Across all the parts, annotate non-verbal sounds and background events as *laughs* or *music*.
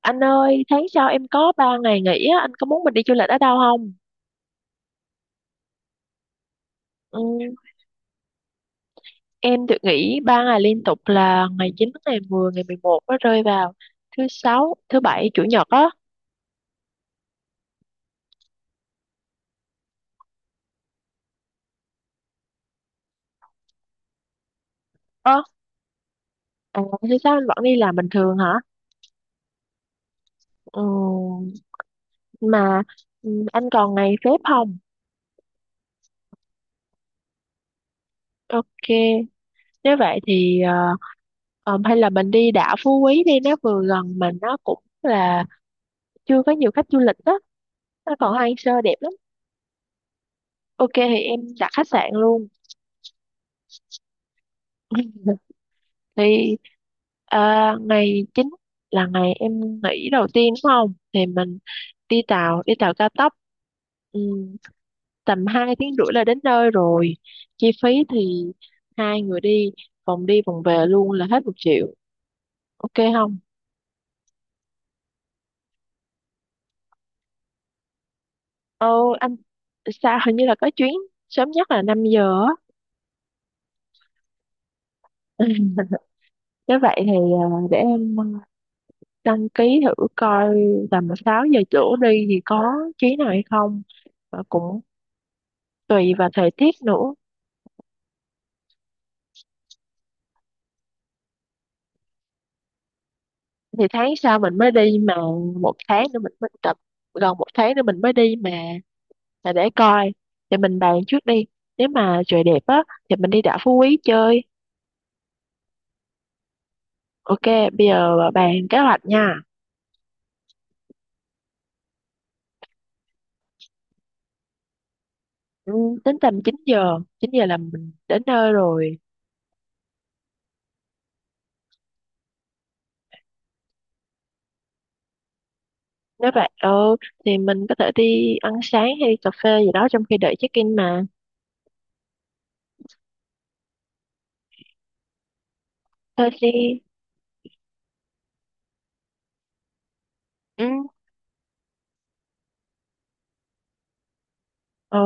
Anh ơi, tháng sau em có 3 ngày nghỉ á, anh có muốn mình đi du lịch ở đâu không? Ừ, em được nghỉ 3 ngày liên tục là ngày 9, ngày 10, ngày 11, nó rơi vào thứ sáu, thứ bảy, chủ nhật á. Ơ, à, thứ sáu anh vẫn đi làm bình thường hả? Ừ, mà anh còn ngày phép không? Ok, nếu vậy thì hay là mình đi đảo Phú Quý đi, nó vừa gần mà nó cũng là chưa có nhiều khách du lịch đó, nó còn hoang sơ đẹp lắm. Ok thì em đặt khách sạn luôn. *laughs* Thì ngày chính là ngày em nghỉ đầu tiên đúng không? Thì mình đi tàu cao tốc, ừ, tầm 2 tiếng rưỡi là đến nơi rồi. Chi phí thì hai người đi vòng về luôn là hết 1 triệu, ok không? ờ anh, sao hình như là có chuyến sớm nhất là 5 giờ á. *laughs* Nếu vậy thì để em đăng ký thử coi tầm 6 giờ chỗ đi thì có chuyến nào hay không. Và cũng tùy vào thời tiết nữa. Thì tháng sau mình mới đi mà, 1 tháng nữa mình mới tập, gần 1 tháng nữa mình mới đi mà, là để coi. Thì mình bàn trước đi, nếu mà trời đẹp á thì mình đi đảo Phú Quý chơi. Ok, bây giờ bàn kế hoạch nha. Ừ, tính tầm chín giờ là mình đến nơi rồi. Nếu vậy, ừ, thì mình có thể đi ăn sáng hay đi cà phê gì đó trong khi đợi check in mà. Thôi đi. Ừ. Ừ,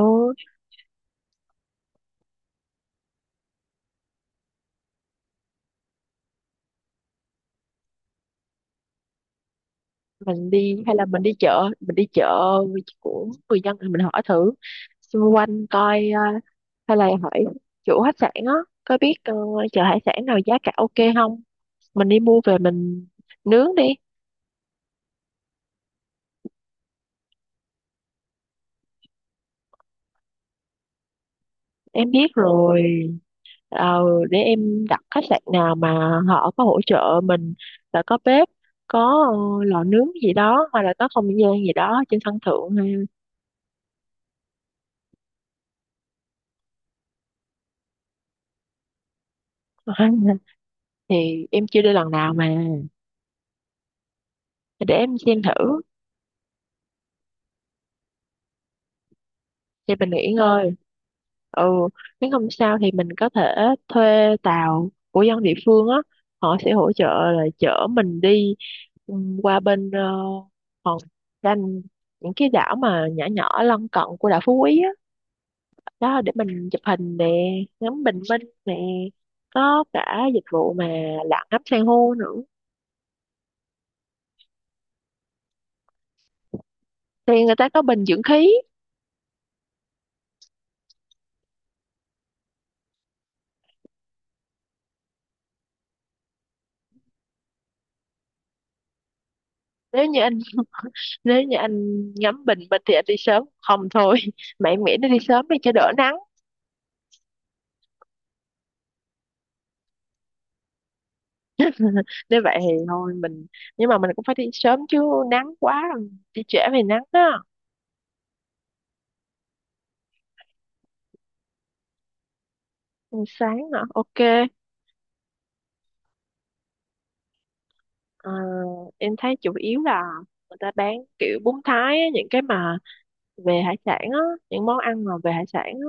mình đi hay là mình đi chợ của người dân thì mình hỏi thử xung quanh coi, hay là hỏi chủ khách sạn á, có biết, chợ hải sản nào giá cả ok không, mình đi mua về mình nướng đi. Em biết rồi, ờ, để em đặt khách sạn nào mà họ có hỗ trợ mình là có bếp, có, lò nướng gì đó, hoặc là có không gian gì đó trên sân thượng ha. *laughs* Thì em chưa đi lần nào mà, để em xem thử. Thì mình nghỉ ngơi. Ừ, nếu không sao thì mình có thể thuê tàu của dân địa phương á, họ sẽ hỗ trợ là chở mình đi, qua bên, hòn Tranh, những cái đảo mà nhỏ nhỏ lân cận của đảo Phú Quý á, đó để mình chụp hình nè, ngắm bình minh nè, có cả dịch vụ mà lặn ngắm san hô nữa. Thì người ta có bình dưỡng khí. Nếu như anh nếu như anh ngắm bình minh thì anh đi sớm không thôi, *laughs* mẹ miễn nó đi sớm đi cho đỡ nắng. Nếu vậy thì thôi mình, nhưng mà mình cũng phải đi sớm chứ, nắng quá rồi đi trễ về nắng á. Ừ, sáng hả, ok. Ờ, em thấy chủ yếu là người ta bán kiểu bún Thái á, những cái mà về hải sản á, những món ăn mà về hải sản á,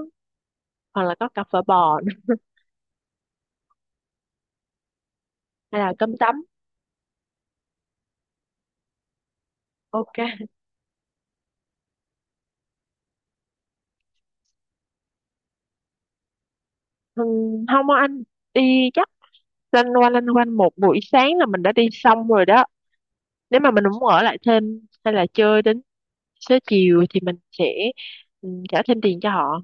hoặc là có cà phở bò nữa, hay là cơm tấm. Ok. Ừ, không á anh, đi chắc lanh quanh một buổi sáng là mình đã đi xong rồi đó. Nếu mà mình muốn ở lại thêm hay là chơi đến xế chiều thì mình sẽ, trả thêm tiền cho họ.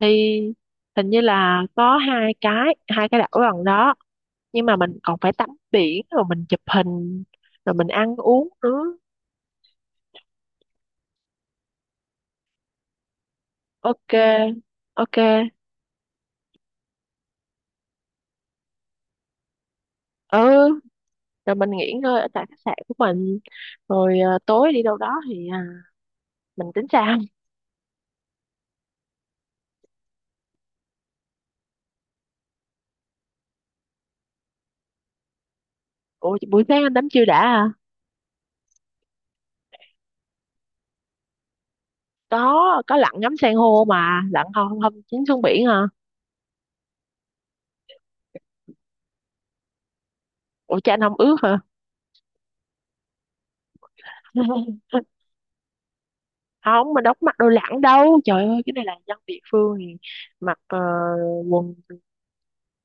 Thì hình như là có hai cái đảo gần đó, nhưng mà mình còn phải tắm biển rồi mình chụp hình rồi mình ăn uống nữa. Ok, ok. Ừ, rồi mình nghỉ ngơi ở tại khách sạn của mình, rồi tối đi đâu đó thì mình tính sao? Ủa buổi sáng anh tắm chưa đã à? Có lặn ngắm san hô mà, lặn không không chín xuống biển hả? Ủa cha anh không ướt hả? *laughs* Không, mình đâu có mặc đồ lặn đâu trời ơi, cái này là dân địa phương thì mặc, quần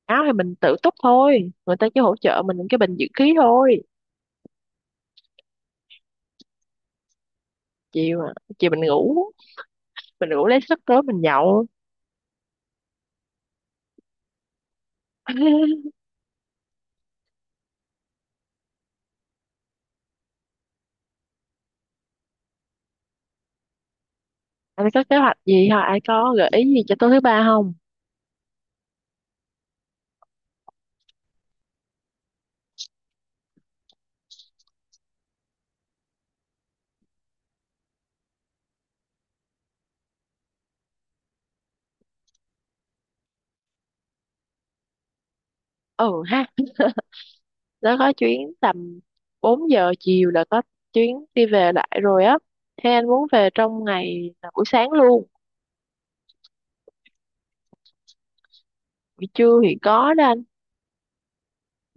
áo thì mình tự túc thôi, người ta chỉ hỗ trợ mình cái bình dưỡng khí thôi. Chiều, chiều mình ngủ, mình ngủ lấy sức tối mình nhậu. *laughs* Anh có kế hoạch gì hả, ai có gợi ý gì cho tối thứ ba không? Ừ ha, nó có chuyến tầm 4 giờ chiều là có chuyến đi về lại rồi á. Thế anh muốn về trong ngày là buổi sáng luôn? Buổi trưa thì có đó anh,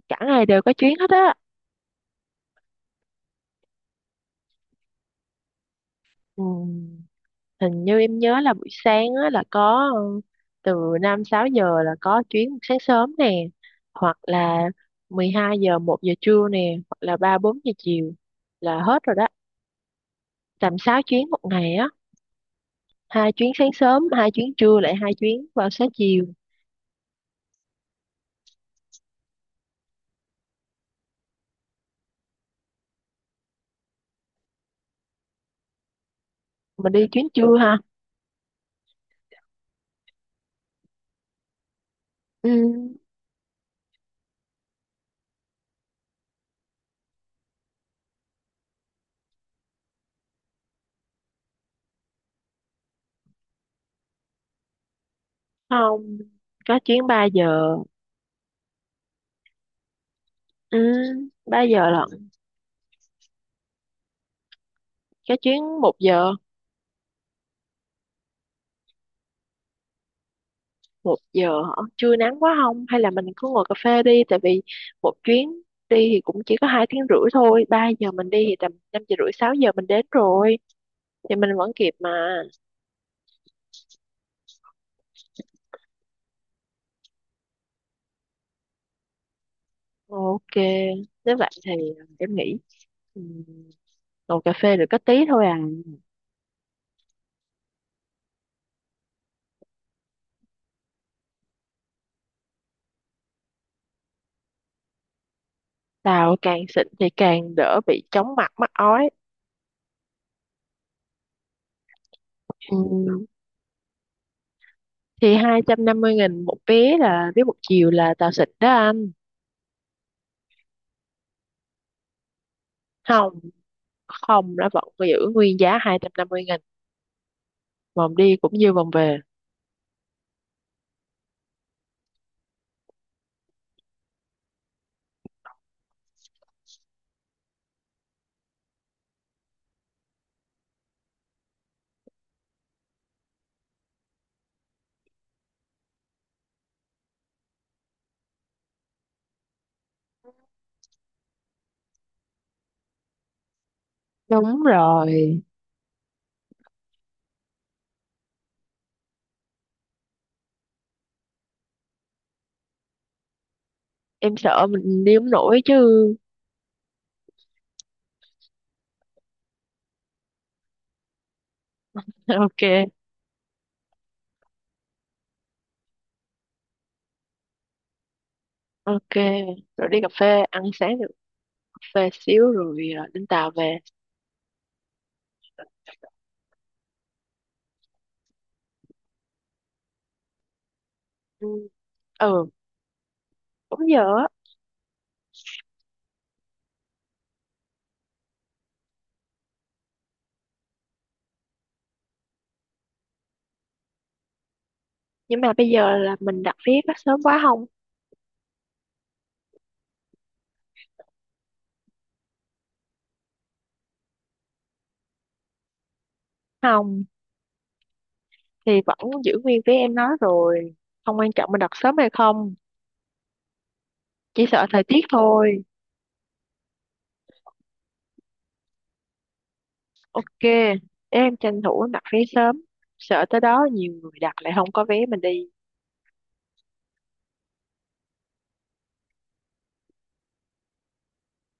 cả ngày đều có chuyến hết á. ừ. Hình như em nhớ là buổi sáng á, là có, từ 5 6 giờ là có chuyến sáng sớm nè, hoặc là 12 giờ 1 giờ trưa nè, hoặc là 3 4 giờ chiều là hết rồi đó. Tầm 6 chuyến một ngày á, 2 chuyến sáng sớm, 2 chuyến trưa lại, 2 chuyến vào sáng chiều. Mình đi chuyến trưa ha. Ừ, không, có chuyến 3 giờ. Ừ, 3 giờ lận. Có chuyến 1 giờ. Một giờ hả, chưa nắng quá không, hay là mình cứ ngồi cà phê đi, tại vì một chuyến đi thì cũng chỉ có 2 tiếng rưỡi thôi, 3 giờ mình đi thì tầm 5 giờ rưỡi 6 giờ mình đến rồi, thì mình vẫn kịp mà. Ok, nếu vậy thì, em nghĩ, ừm, ngồi cà phê được có tí thôi à. Tao càng xịn thì càng đỡ bị chóng mặt mắc ói. Ừm, thì 250.000 một vé, là vé một chiều, là tao xịn đó anh. Không, không, nó vẫn giữ nguyên giá 250.000, vòng đi cũng như vòng về. Đúng rồi, em sợ mình đi không nổi chứ. *laughs* Ok, ok. Rồi đi cà phê, ăn sáng được, cà phê xíu rồi đến tàu về. Ừ, ừ, đúng giờ á. Nhưng mà bây giờ là mình đặt vé có sớm quá không? Không, thì vẫn giữ nguyên vé em nói rồi. Không quan trọng mình đặt sớm hay không, chỉ sợ thời tiết thôi. Ok, em tranh thủ đặt vé sớm. Sợ tới đó nhiều người đặt lại không có vé mình đi.